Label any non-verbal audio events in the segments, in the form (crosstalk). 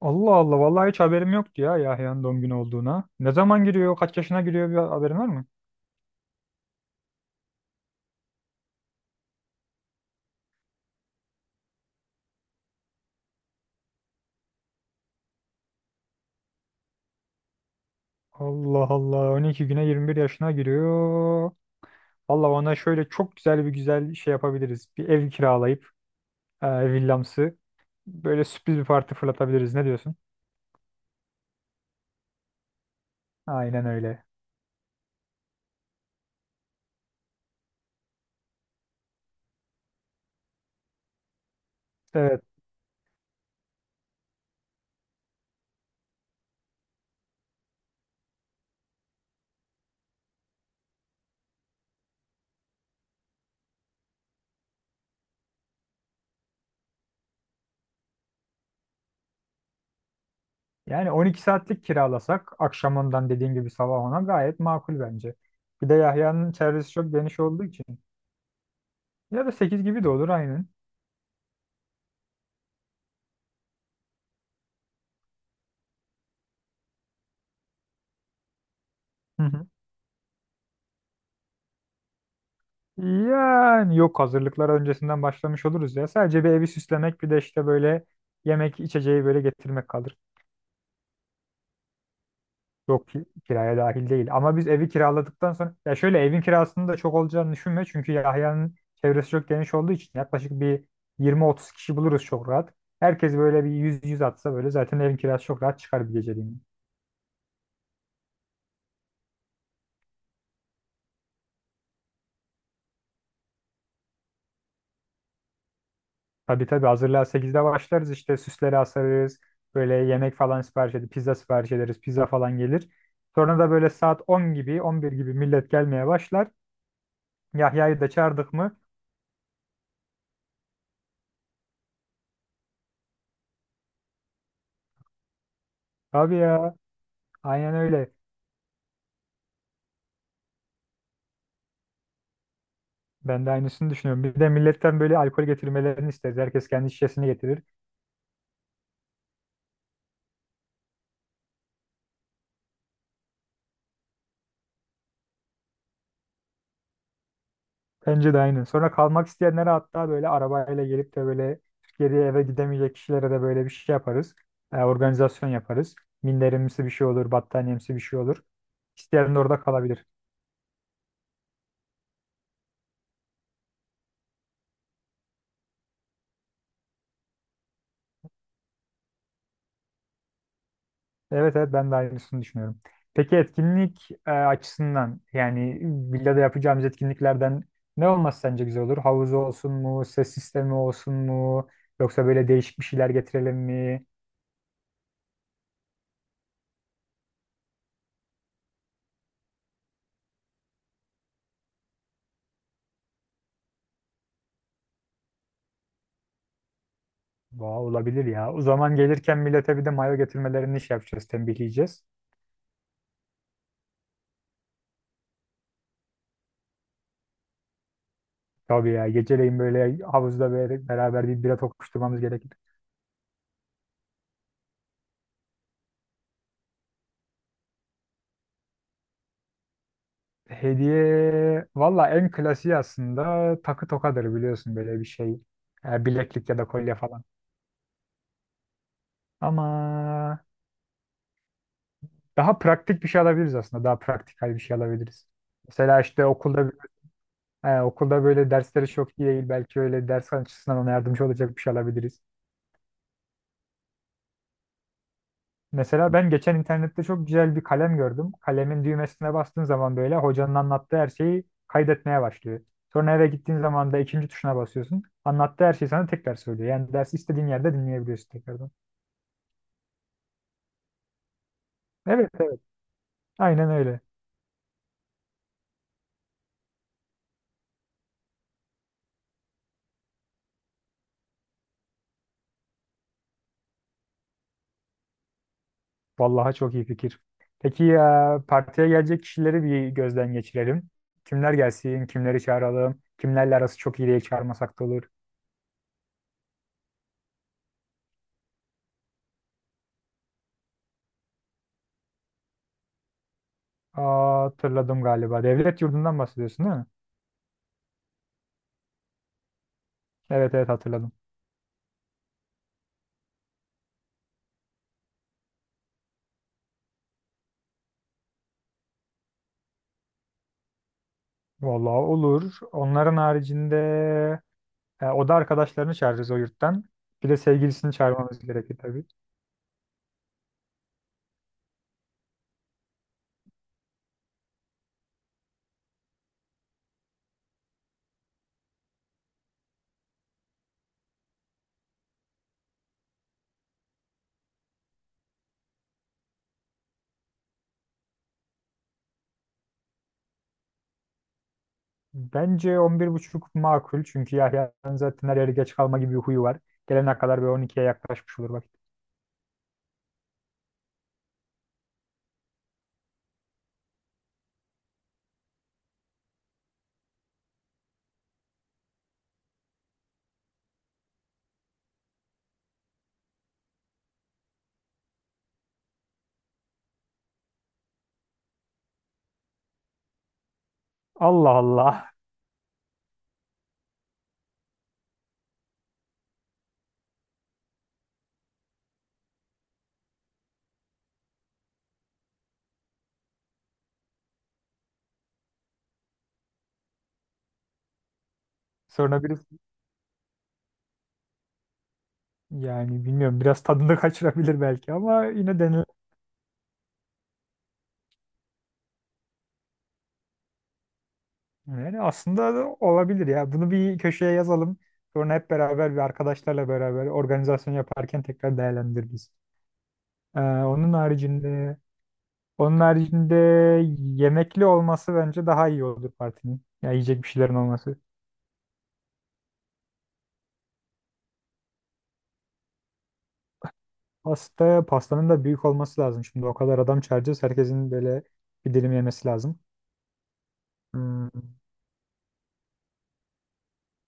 Allah Allah vallahi hiç haberim yoktu ya Yahya'nın doğum günü olduğuna. Ne zaman giriyor, kaç yaşına giriyor bir haberin var mı? Allah Allah 12 güne 21 yaşına giriyor. Allah ona şöyle çok güzel bir güzel şey yapabiliriz. Bir ev kiralayıp e, villamsı böyle sürpriz bir parti fırlatabiliriz. Ne diyorsun? Aynen öyle. Evet. Yani 12 saatlik kiralasak akşam ondan dediğin gibi sabah ona gayet makul bence. Bir de Yahya'nın çevresi çok geniş olduğu için. Ya da 8 gibi de olur aynen. (laughs) Yani yok hazırlıklar öncesinden başlamış oluruz ya. Sadece bir evi süslemek bir de işte böyle yemek içeceği böyle getirmek kalır. Yok ki kiraya dahil değil. Ama biz evi kiraladıktan sonra ya şöyle evin kirasının da çok olacağını düşünme. Çünkü Yahya'nın çevresi çok geniş olduğu için yaklaşık bir 20-30 kişi buluruz çok rahat. Herkes böyle bir 100-100 atsa böyle zaten evin kirası çok rahat çıkar bir geceliğine. Tabii tabii hazırlığa 8'de başlarız işte süsleri asarız. Böyle yemek falan sipariş edip pizza sipariş ederiz. Pizza falan gelir. Sonra da böyle saat 10 gibi 11 gibi millet gelmeye başlar. Yahya'yı da çağırdık mı? Tabii ya aynen öyle. Ben de aynısını düşünüyorum. Bir de milletten böyle alkol getirmelerini isteriz. Herkes kendi şişesini getirir. Bence de aynen. Sonra kalmak isteyenlere hatta böyle arabayla gelip de böyle geri eve gidemeyecek kişilere de böyle bir şey yaparız. Organizasyon yaparız. Minderimsi bir şey olur, battaniyemsi bir şey olur. İsteyen de orada kalabilir. Evet evet ben de aynısını düşünüyorum. Peki etkinlik açısından yani villada yapacağımız etkinliklerden ne olması sence güzel olur? Havuz olsun mu? Ses sistemi olsun mu? Yoksa böyle değişik bir şeyler getirelim mi? Vay, olabilir ya. O zaman gelirken millete bir de mayo getirmelerini şey yapacağız, tembihleyeceğiz. Tabii ya geceleyin böyle havuzda böyle beraber bir bira tokuşturmamız gerekir. Hediye valla en klasiği aslında takı tokadır biliyorsun böyle bir şey. Bileklik ya da kolye falan. Ama daha praktik bir şey alabiliriz aslında. Daha praktikal bir şey alabiliriz. Mesela işte okulda böyle dersleri çok iyi değil. Belki öyle ders açısından ona yardımcı olacak bir şey alabiliriz. Mesela ben geçen internette çok güzel bir kalem gördüm. Kalemin düğmesine bastığın zaman böyle hocanın anlattığı her şeyi kaydetmeye başlıyor. Sonra eve gittiğin zaman da ikinci tuşuna basıyorsun. Anlattığı her şeyi sana tekrar söylüyor. Yani dersi istediğin yerde dinleyebiliyorsun tekrardan. Evet evet. Aynen öyle. Vallahi çok iyi fikir. Peki ya partiye gelecek kişileri bir gözden geçirelim. Kimler gelsin, kimleri çağıralım, kimlerle arası çok iyi diye çağırmasak da olur. Aa, hatırladım galiba. Devlet yurdundan bahsediyorsun değil mi? Evet evet hatırladım. Vallahi olur. Onların haricinde o da arkadaşlarını çağırırız o yurttan. Bir de sevgilisini çağırmamız gerekir tabii. Bence 11.30 makul çünkü Yahya'nın zaten her yere geç kalma gibi bir huyu var. Gelene kadar bir 12'ye yaklaşmış olur vakit. Allah Allah. (laughs) Sonra biri Yani bilmiyorum biraz tadını (laughs) kaçırabilir belki ama yine denil yani aslında da olabilir ya. Bunu bir köşeye yazalım. Sonra hep beraber arkadaşlarla beraber organizasyon yaparken tekrar değerlendiririz. Ee, onun haricinde onun haricinde yemekli olması bence daha iyi olur partinin. Ya yiyecek bir şeylerin olması. Pastanın da büyük olması lazım. Şimdi o kadar adam çağıracağız. Herkesin böyle bir dilim yemesi lazım. Hmm.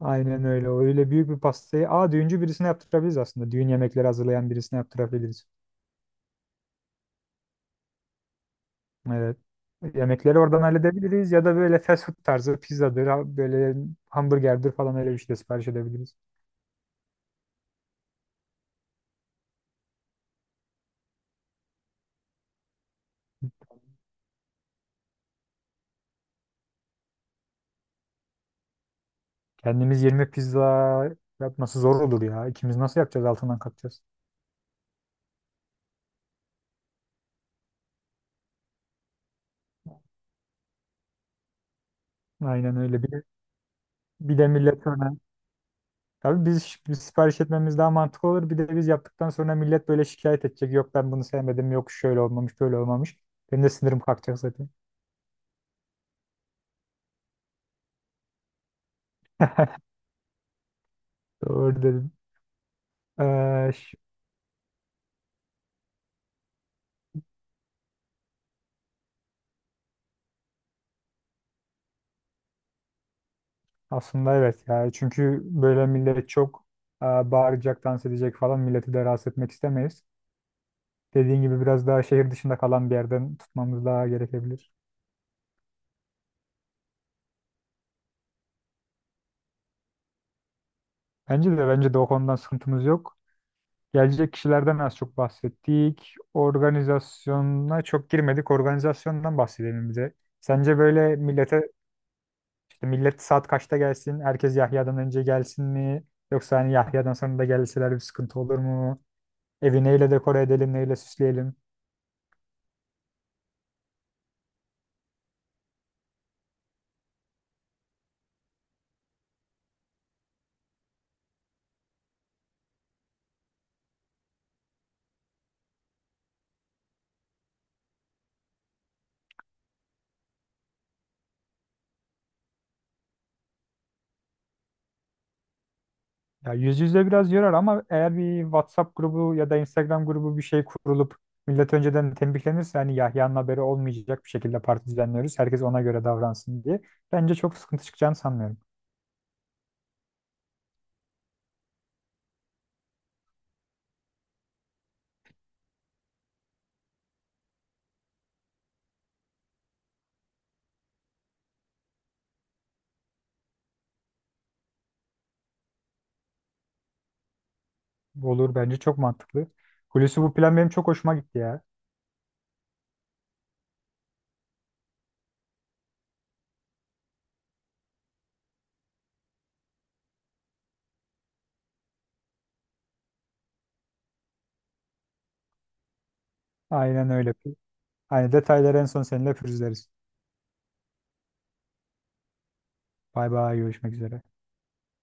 Aynen öyle. Öyle büyük bir pastayı. Aa düğüncü birisine yaptırabiliriz aslında. Düğün yemekleri hazırlayan birisine yaptırabiliriz. Evet. Yemekleri oradan halledebiliriz ya da böyle fast food tarzı pizzadır, böyle hamburgerdir falan öyle bir şey de sipariş edebiliriz. Kendimiz yirmi pizza yapması zor olur ya. İkimiz nasıl yapacağız altından kalkacağız. Aynen öyle. Bir de millet sonra. Tabii biz sipariş etmemiz daha mantıklı olur. Bir de biz yaptıktan sonra millet böyle şikayet edecek. Yok ben bunu sevmedim, yok şöyle olmamış, böyle olmamış. Benim de sinirim kalkacak zaten. Doğru dedim. Ee, ş- Aslında evet yani çünkü böyle millet çok bağıracak, dans edecek falan milleti de rahatsız etmek istemeyiz. Dediğin gibi biraz daha şehir dışında kalan bir yerden tutmamız daha gerekebilir. Bence de o konudan sıkıntımız yok. Gelecek kişilerden az çok bahsettik. Organizasyona çok girmedik. Organizasyondan bahsedelim bize. Sence böyle işte millet saat kaçta gelsin? Herkes Yahya'dan önce gelsin mi? Yoksa hani Yahya'dan sonra da gelseler bir sıkıntı olur mu? Evi neyle dekore edelim, neyle süsleyelim? Ya yüz yüze biraz yorar ama eğer bir WhatsApp grubu ya da Instagram grubu bir şey kurulup millet önceden tembihlenirse hani Yahya'nın haberi olmayacak bir şekilde parti düzenliyoruz. Herkes ona göre davransın diye. Bence çok sıkıntı çıkacağını sanmıyorum. Olur bence çok mantıklı. Hulusi bu plan benim çok hoşuma gitti ya. Aynen öyle. Aynı detayları en son seninle pürüzleriz. Bay bay görüşmek üzere.